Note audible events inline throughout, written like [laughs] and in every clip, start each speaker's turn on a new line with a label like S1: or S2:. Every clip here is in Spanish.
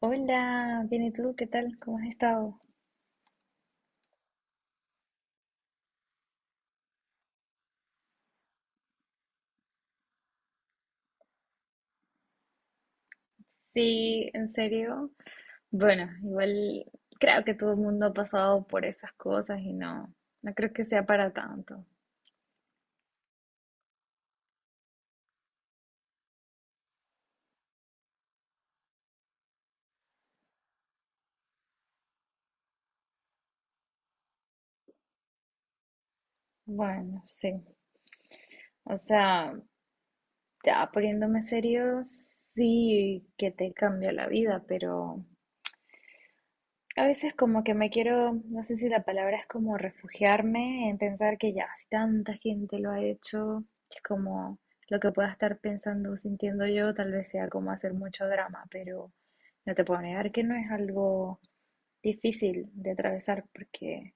S1: Hola, bien, ¿y tú? ¿Qué tal? ¿Cómo has estado? Sí, en serio. Bueno, igual creo que todo el mundo ha pasado por esas cosas y no, no creo que sea para tanto. Bueno, sí. O sea, ya poniéndome serio, sí que te cambia la vida, pero a veces como que me quiero, no sé si la palabra es como refugiarme en pensar que ya, si tanta gente lo ha hecho, es como lo que pueda estar pensando o sintiendo yo, tal vez sea como hacer mucho drama, pero no te puedo negar que no es algo difícil de atravesar, porque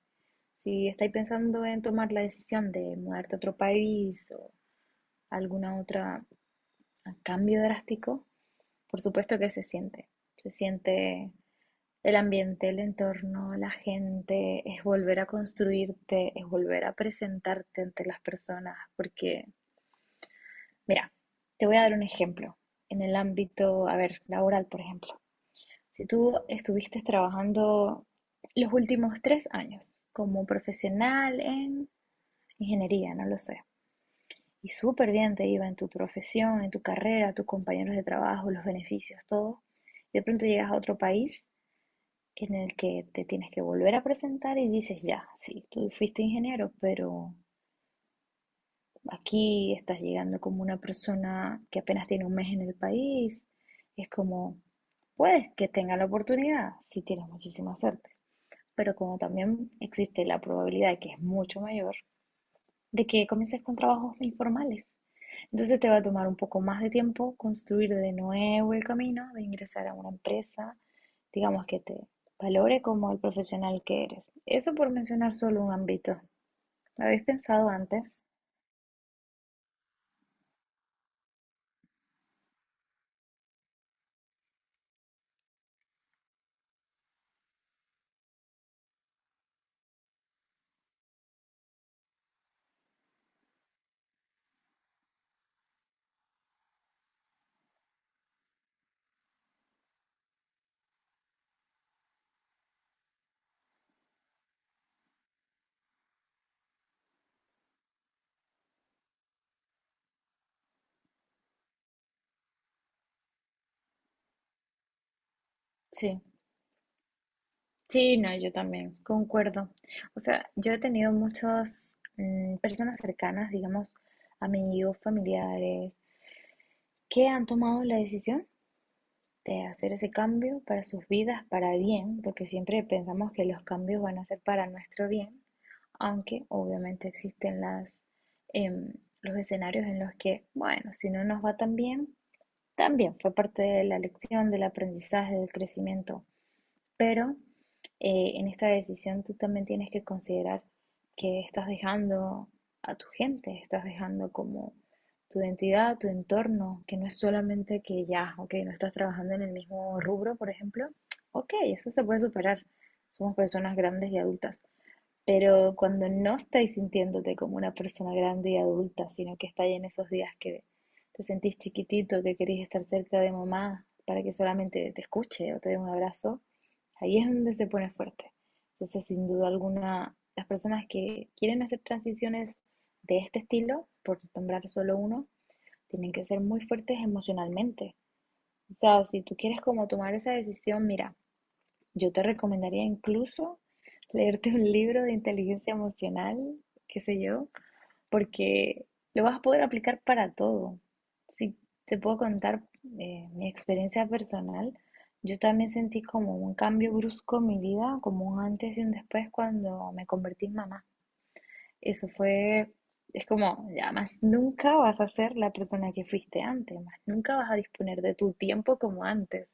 S1: si estáis pensando en tomar la decisión de mudarte a otro país o alguna otra a cambio drástico, por supuesto que se siente el ambiente, el entorno, la gente, es volver a construirte, es volver a presentarte ante las personas, porque, mira, te voy a dar un ejemplo en el ámbito, a ver, laboral, por ejemplo. Si tú estuviste trabajando los últimos 3 años como profesional en ingeniería, no lo sé, y súper bien te iba en tu profesión, en tu carrera, tus compañeros de trabajo, los beneficios, todo, de pronto llegas a otro país en el que te tienes que volver a presentar y dices, ya, sí, tú fuiste ingeniero, pero aquí estás llegando como una persona que apenas tiene un mes en el país. Es como, puedes que tenga la oportunidad si tienes muchísima suerte, pero como también existe la probabilidad que es mucho mayor de que comiences con trabajos informales. Entonces te va a tomar un poco más de tiempo construir de nuevo el camino de ingresar a una empresa, digamos, que te valore como el profesional que eres. Eso por mencionar solo un ámbito. ¿Lo habéis pensado antes? Sí, sí, no, yo también, concuerdo. O sea, yo he tenido muchas personas cercanas, digamos, amigos, familiares, que han tomado la decisión de hacer ese cambio para sus vidas, para bien, porque siempre pensamos que los cambios van a ser para nuestro bien, aunque obviamente existen las, em, los escenarios en los que, bueno, si no nos va tan bien, también fue parte de la lección, del aprendizaje, del crecimiento, pero en esta decisión tú también tienes que considerar que estás dejando a tu gente, estás dejando como tu identidad, tu entorno, que no es solamente que ya, ok, no estás trabajando en el mismo rubro, por ejemplo, ok, eso se puede superar, somos personas grandes y adultas, pero cuando no estáis sintiéndote como una persona grande y adulta, sino que estáis en esos días que te sentís chiquitito, que querés estar cerca de mamá para que solamente te escuche o te dé un abrazo, ahí es donde se pone fuerte. Entonces, sin duda alguna, las personas que quieren hacer transiciones de este estilo, por nombrar solo uno, tienen que ser muy fuertes emocionalmente. O sea, si tú quieres como tomar esa decisión, mira, yo te recomendaría incluso leerte un libro de inteligencia emocional, qué sé yo, porque lo vas a poder aplicar para todo. Si te puedo contar mi experiencia personal, yo también sentí como un cambio brusco en mi vida, como un antes y un después cuando me convertí en mamá. Eso fue, es como, ya más nunca vas a ser la persona que fuiste antes, más nunca vas a disponer de tu tiempo como antes,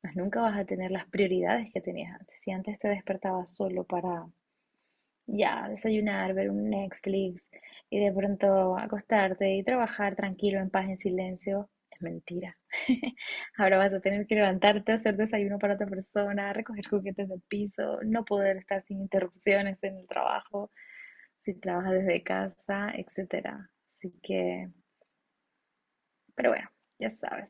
S1: pues nunca vas a tener las prioridades que tenías antes. Si antes te despertabas solo para ya desayunar, ver un Netflix y de pronto acostarte y trabajar tranquilo, en paz, en silencio, es mentira. [laughs] Ahora vas a tener que levantarte, hacer desayuno para otra persona, recoger juguetes del piso, no poder estar sin interrupciones en el trabajo, si trabajas desde casa, etcétera. Así que, pero bueno, ya sabes.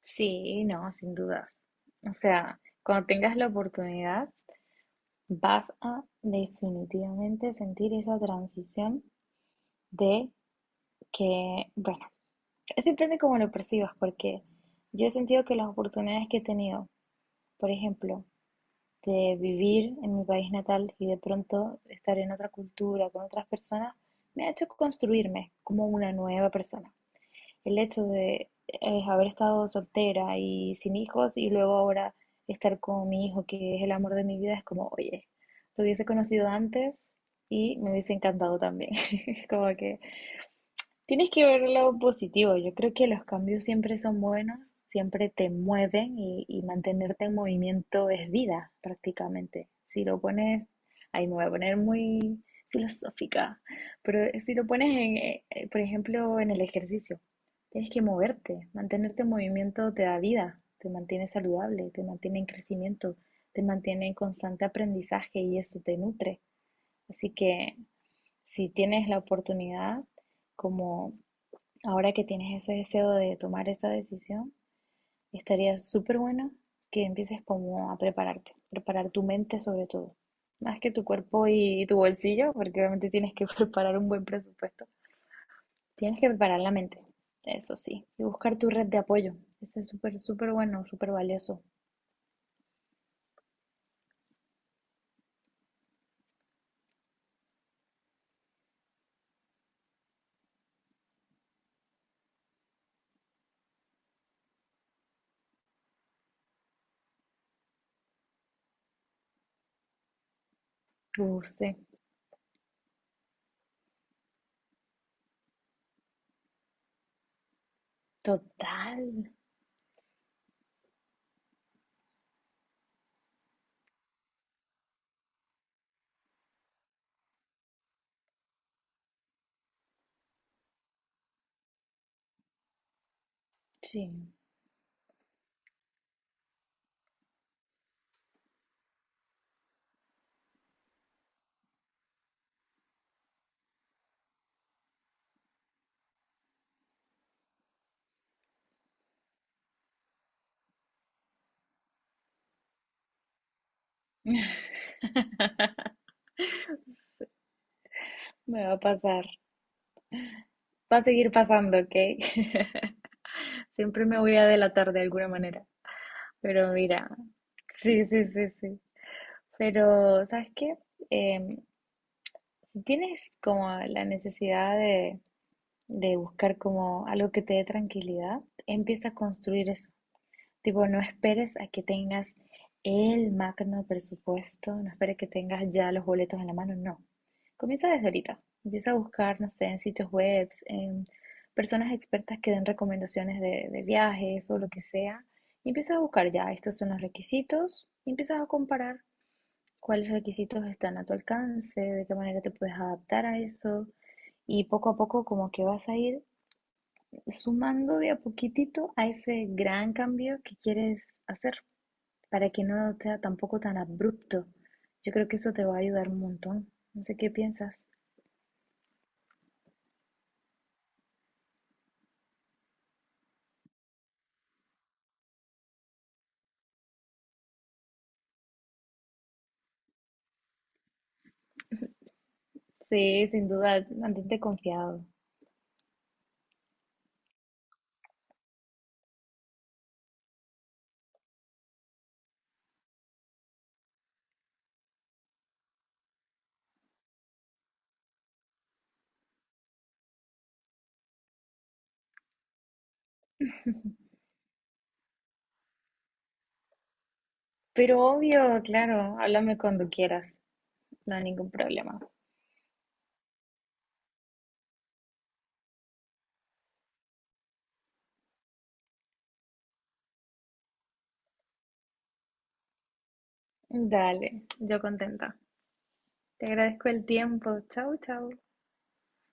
S1: Sí, no, sin dudas. O sea, cuando tengas la oportunidad, vas a definitivamente sentir esa transición de que, bueno, [laughs] es depende cómo lo percibas, porque yo he sentido que las oportunidades que he tenido, por ejemplo, de vivir en mi país natal y de pronto estar en otra cultura, con otras personas, me ha hecho construirme como una nueva persona, el hecho de haber estado soltera y sin hijos y luego ahora estar con mi hijo, que es el amor de mi vida, es como, oye, lo hubiese conocido antes y me hubiese encantado también. [laughs] Como que tienes que ver lo positivo. Yo creo que los cambios siempre son buenos, siempre te mueven y mantenerte en movimiento es vida, prácticamente. Si lo pones, ahí me voy a poner muy filosófica, pero si lo pones, por ejemplo, en el ejercicio, tienes que moverte. Mantenerte en movimiento te da vida, te mantiene saludable, te mantiene en crecimiento, te mantiene en constante aprendizaje y eso te nutre. Así que si tienes la oportunidad, como ahora que tienes ese deseo de tomar esa decisión, estaría súper bueno que empieces como a prepararte, preparar tu mente sobre todo, más que tu cuerpo y tu bolsillo, porque obviamente tienes que [laughs] preparar un buen presupuesto. Tienes que preparar la mente, eso sí, y buscar tu red de apoyo. Eso es súper, súper bueno, súper valioso. Uf, sí, total, sí. [laughs] Sí, me va a pasar, va a seguir pasando, ¿ok? [laughs] Siempre me voy a delatar de alguna manera. Pero mira, sí, sí, sí, sí. Pero, ¿sabes qué? Em, si tienes como la necesidad de buscar como algo que te dé tranquilidad, empieza a construir eso. Tipo, no esperes a que tengas el magno presupuesto, no esperes que tengas ya los boletos en la mano, no. Comienza desde ahorita. Empieza a buscar, no sé, en sitios web, en personas expertas que den recomendaciones de viajes o lo que sea. Y empieza a buscar ya, estos son los requisitos, y empiezas a comparar cuáles requisitos están a tu alcance, de qué manera te puedes adaptar a eso. Y poco a poco como que vas a ir sumando de a poquitito a ese gran cambio que quieres hacer para que no sea tampoco tan abrupto. Yo creo que eso te va a ayudar un montón. No sé qué piensas. Sí, sin duda, mantente confiado. Pero obvio, claro, háblame cuando quieras, no hay ningún problema. Dale, yo contenta. Te agradezco el tiempo. Chau, chau.